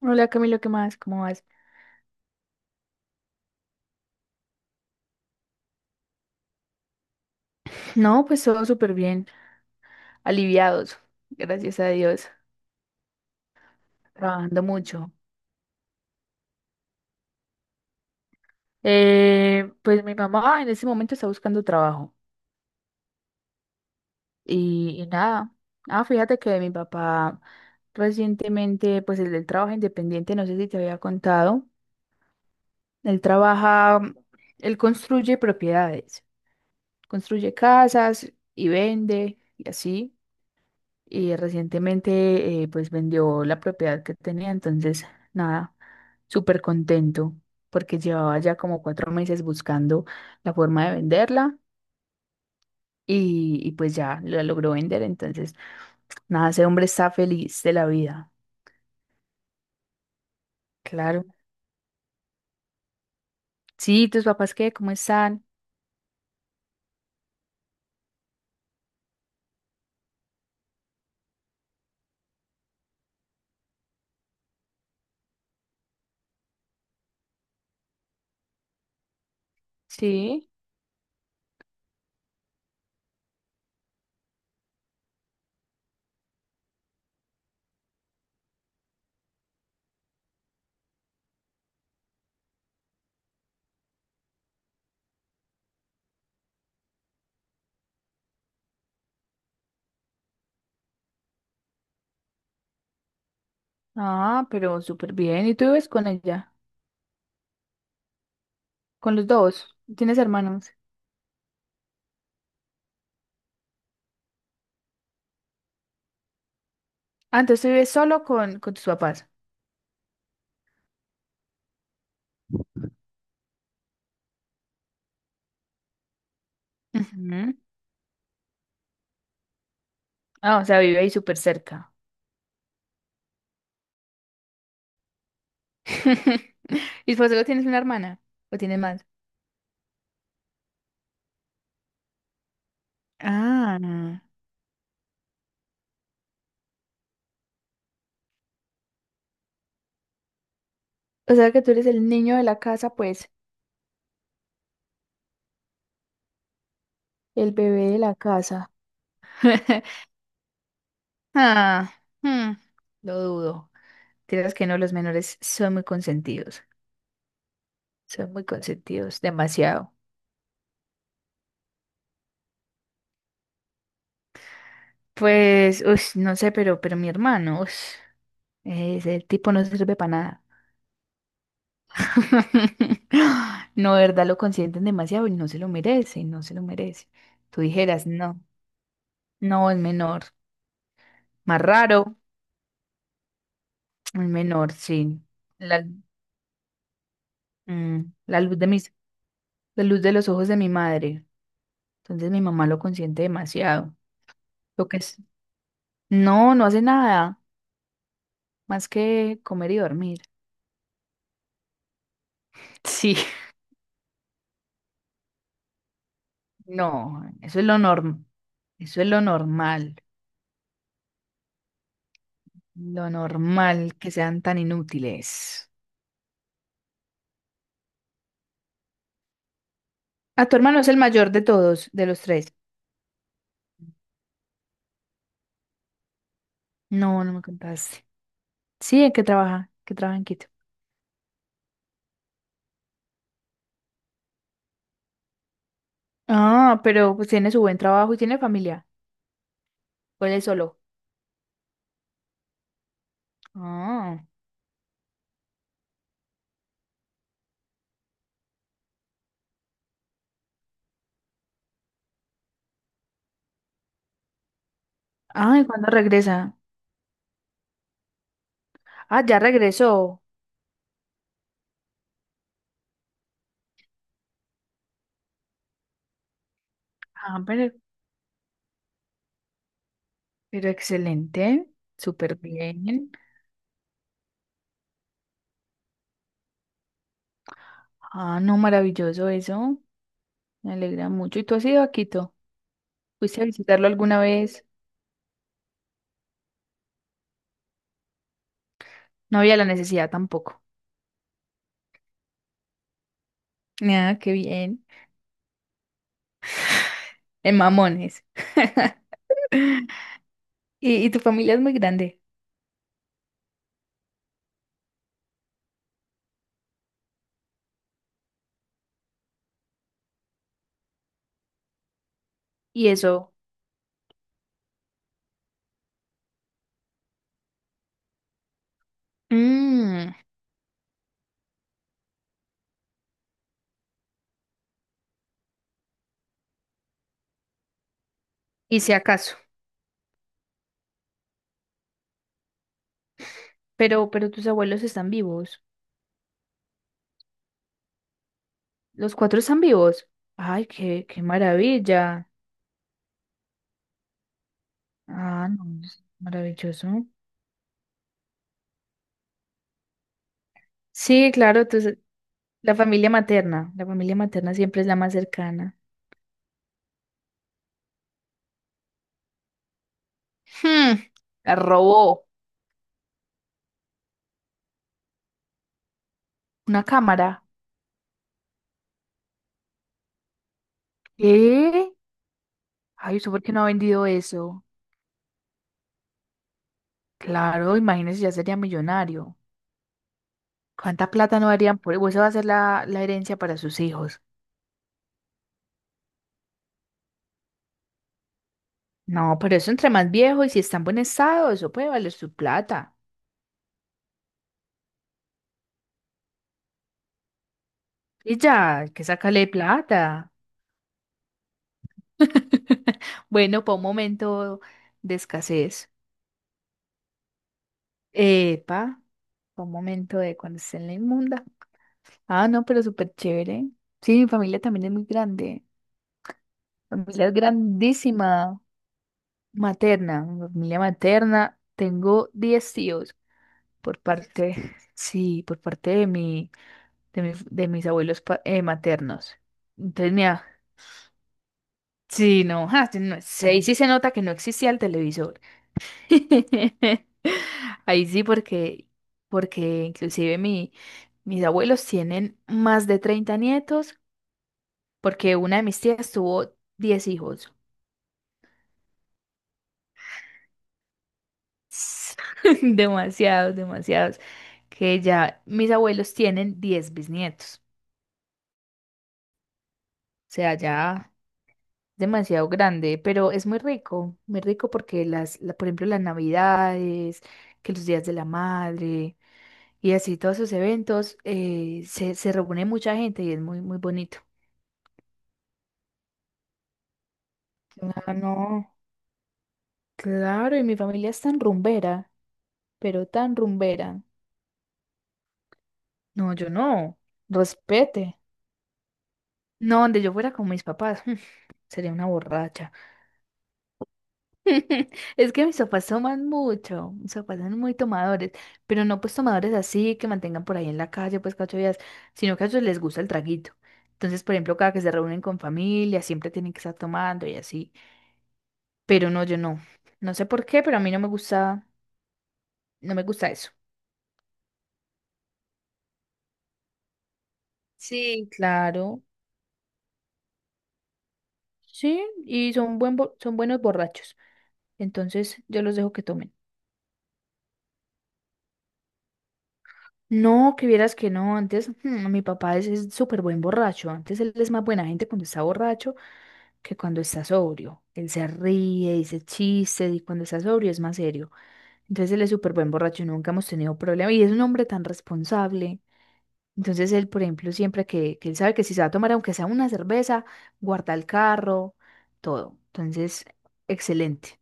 Hola Camilo, ¿qué más? ¿Cómo vas? No, pues todo súper bien, aliviados, gracias a Dios, trabajando mucho. Pues mi mamá en ese momento está buscando trabajo y nada. Ah, fíjate que mi papá recientemente, pues el del trabajo independiente, no sé si te había contado, él trabaja, él construye propiedades, construye casas y vende y así. Y recientemente pues vendió la propiedad que tenía, entonces nada, súper contento porque llevaba ya como 4 meses buscando la forma de venderla y pues ya la logró vender, entonces nada, ese hombre está feliz de la vida. Claro. Sí, ¿tus papás qué? ¿Cómo están? Sí. Ah, pero súper bien. ¿Y tú vives con ella? ¿Con los dos? ¿Tienes hermanos? Ah, entonces tú vives solo con tus papás. Ujú. Ah, o sea, vive ahí súper cerca. ¿Y por eso tienes una hermana? ¿O tienes más? Ah, o sea que tú eres el niño de la casa, pues, el bebé de la casa. Ah, hmm, lo dudo. Tienes que no, los menores son muy consentidos. Son muy consentidos, demasiado. Pues, ush, no sé, pero mi hermano, ush, ese tipo no sirve para nada. No, de verdad, lo consienten demasiado y no se lo merece, no se lo merece. Tú dijeras, no, no, es menor. Más raro, el menor, sí. La, mm, la luz la luz de los ojos de mi madre. Entonces mi mamá lo consiente demasiado. Lo que es. No, no hace nada más que comer y dormir. Sí. No, eso es lo normal que sean tan inútiles. A tu hermano es el mayor de todos, de los tres. No, no me contaste. Sí, ¿en qué trabaja? ¿Qué trabaja en Quito? Ah, pero pues tiene su buen trabajo y tiene familia. ¿O él es solo? Ah, ah, ¿y cuándo regresa? Ah, ya regresó. Ah, pero excelente, súper bien. Ah, no, maravilloso eso. Me alegra mucho. ¿Y tú has ido a Quito? ¿Fuiste a visitarlo alguna vez? No había la necesidad tampoco. Ah, qué bien. En Mamones. Y tu familia es muy grande. Y eso. Mm, y si acaso. Pero tus abuelos están vivos. Los cuatro están vivos. Ay, qué, qué maravilla. Ah, no, es maravilloso. Sí, claro, tú la familia materna siempre es la más cercana. Hmm, la robó una cámara. ¿Qué? Ay, ¿usted por qué no ha vendido eso? Claro, imagínese, ya sería millonario. ¿Cuánta plata no darían por eso? Esa va a ser la herencia para sus hijos. No, pero eso entre más viejo y si está en buen estado, eso puede valer su plata. Y ya, hay que sacarle plata. Bueno, para un momento de escasez. Epa, fue un momento de cuando esté en la inmunda. Ah, no, pero súper chévere. Sí, mi familia también es muy grande. Mi familia es grandísima. Materna, mi familia materna. Tengo 10 tíos por parte, sí, por parte de mi, de mi- de mis abuelos maternos. Entonces, mira, sí, no, ja, sí, no, sí, ahí sí se nota que no existía el televisor. Ahí sí, porque inclusive mis abuelos tienen más de 30 nietos, porque una de mis tías tuvo 10 hijos. Demasiados, demasiados. Que ya mis abuelos tienen 10 bisnietos. O sea, ya demasiado grande, pero es muy rico porque por ejemplo, las navidades, que los días de la madre. Y así todos sus eventos se reúne mucha gente y es muy, muy bonito. Ah, no. Claro, y mi familia es tan rumbera, pero tan rumbera. No, yo no. Respete. No, donde yo fuera con mis papás, sería una borracha. Es que mis papás toman mucho, mis papás son muy tomadores, pero no pues tomadores así que mantengan por ahí en la calle pues cada 8 días, sino que a ellos les gusta el traguito. Entonces, por ejemplo, cada que se reúnen con familia, siempre tienen que estar tomando y así. Pero no, yo no. No sé por qué, pero a mí no me gusta, no me gusta eso. Sí, claro, sí, y son buenos borrachos. Entonces yo los dejo que tomen. No, que vieras que no, antes mi papá es súper buen borracho. Antes él es más buena gente cuando está borracho que cuando está sobrio. Él se ríe, dice chistes y cuando está sobrio es más serio. Entonces él es súper buen borracho, nunca hemos tenido problema. Y es un hombre tan responsable. Entonces él, por ejemplo, siempre que él sabe que si se va a tomar, aunque sea una cerveza, guarda el carro, todo. Entonces, excelente.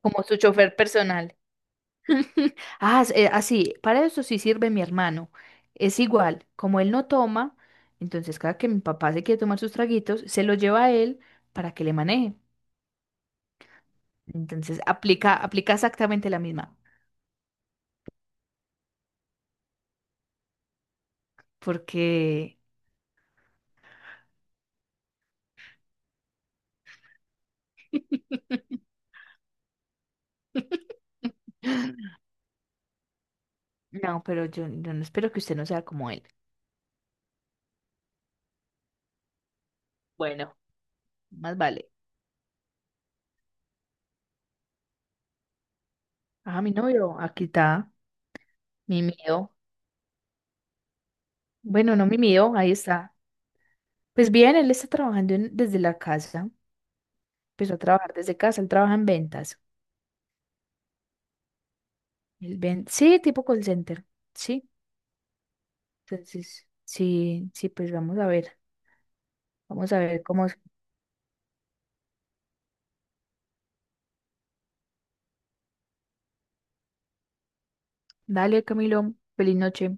Como su chofer personal. Ah, así, para eso sí sirve mi hermano. Es igual, como él no toma, entonces cada que mi papá se quiere tomar sus traguitos, se lo lleva a él para que le maneje. Entonces aplica exactamente la misma, porque no, pero yo no espero que usted no sea como él, Bueno, más vale. Ah, mi novio, aquí está, mi mío. Bueno, no mi mío, ahí está. Pues bien, él está trabajando desde la casa. Empezó a trabajar desde casa, él trabaja en ventas. Sí, tipo call center. Sí, entonces, sí, sí, pues vamos a ver. Vamos a ver cómo es. Dale, Camilo, feliz noche.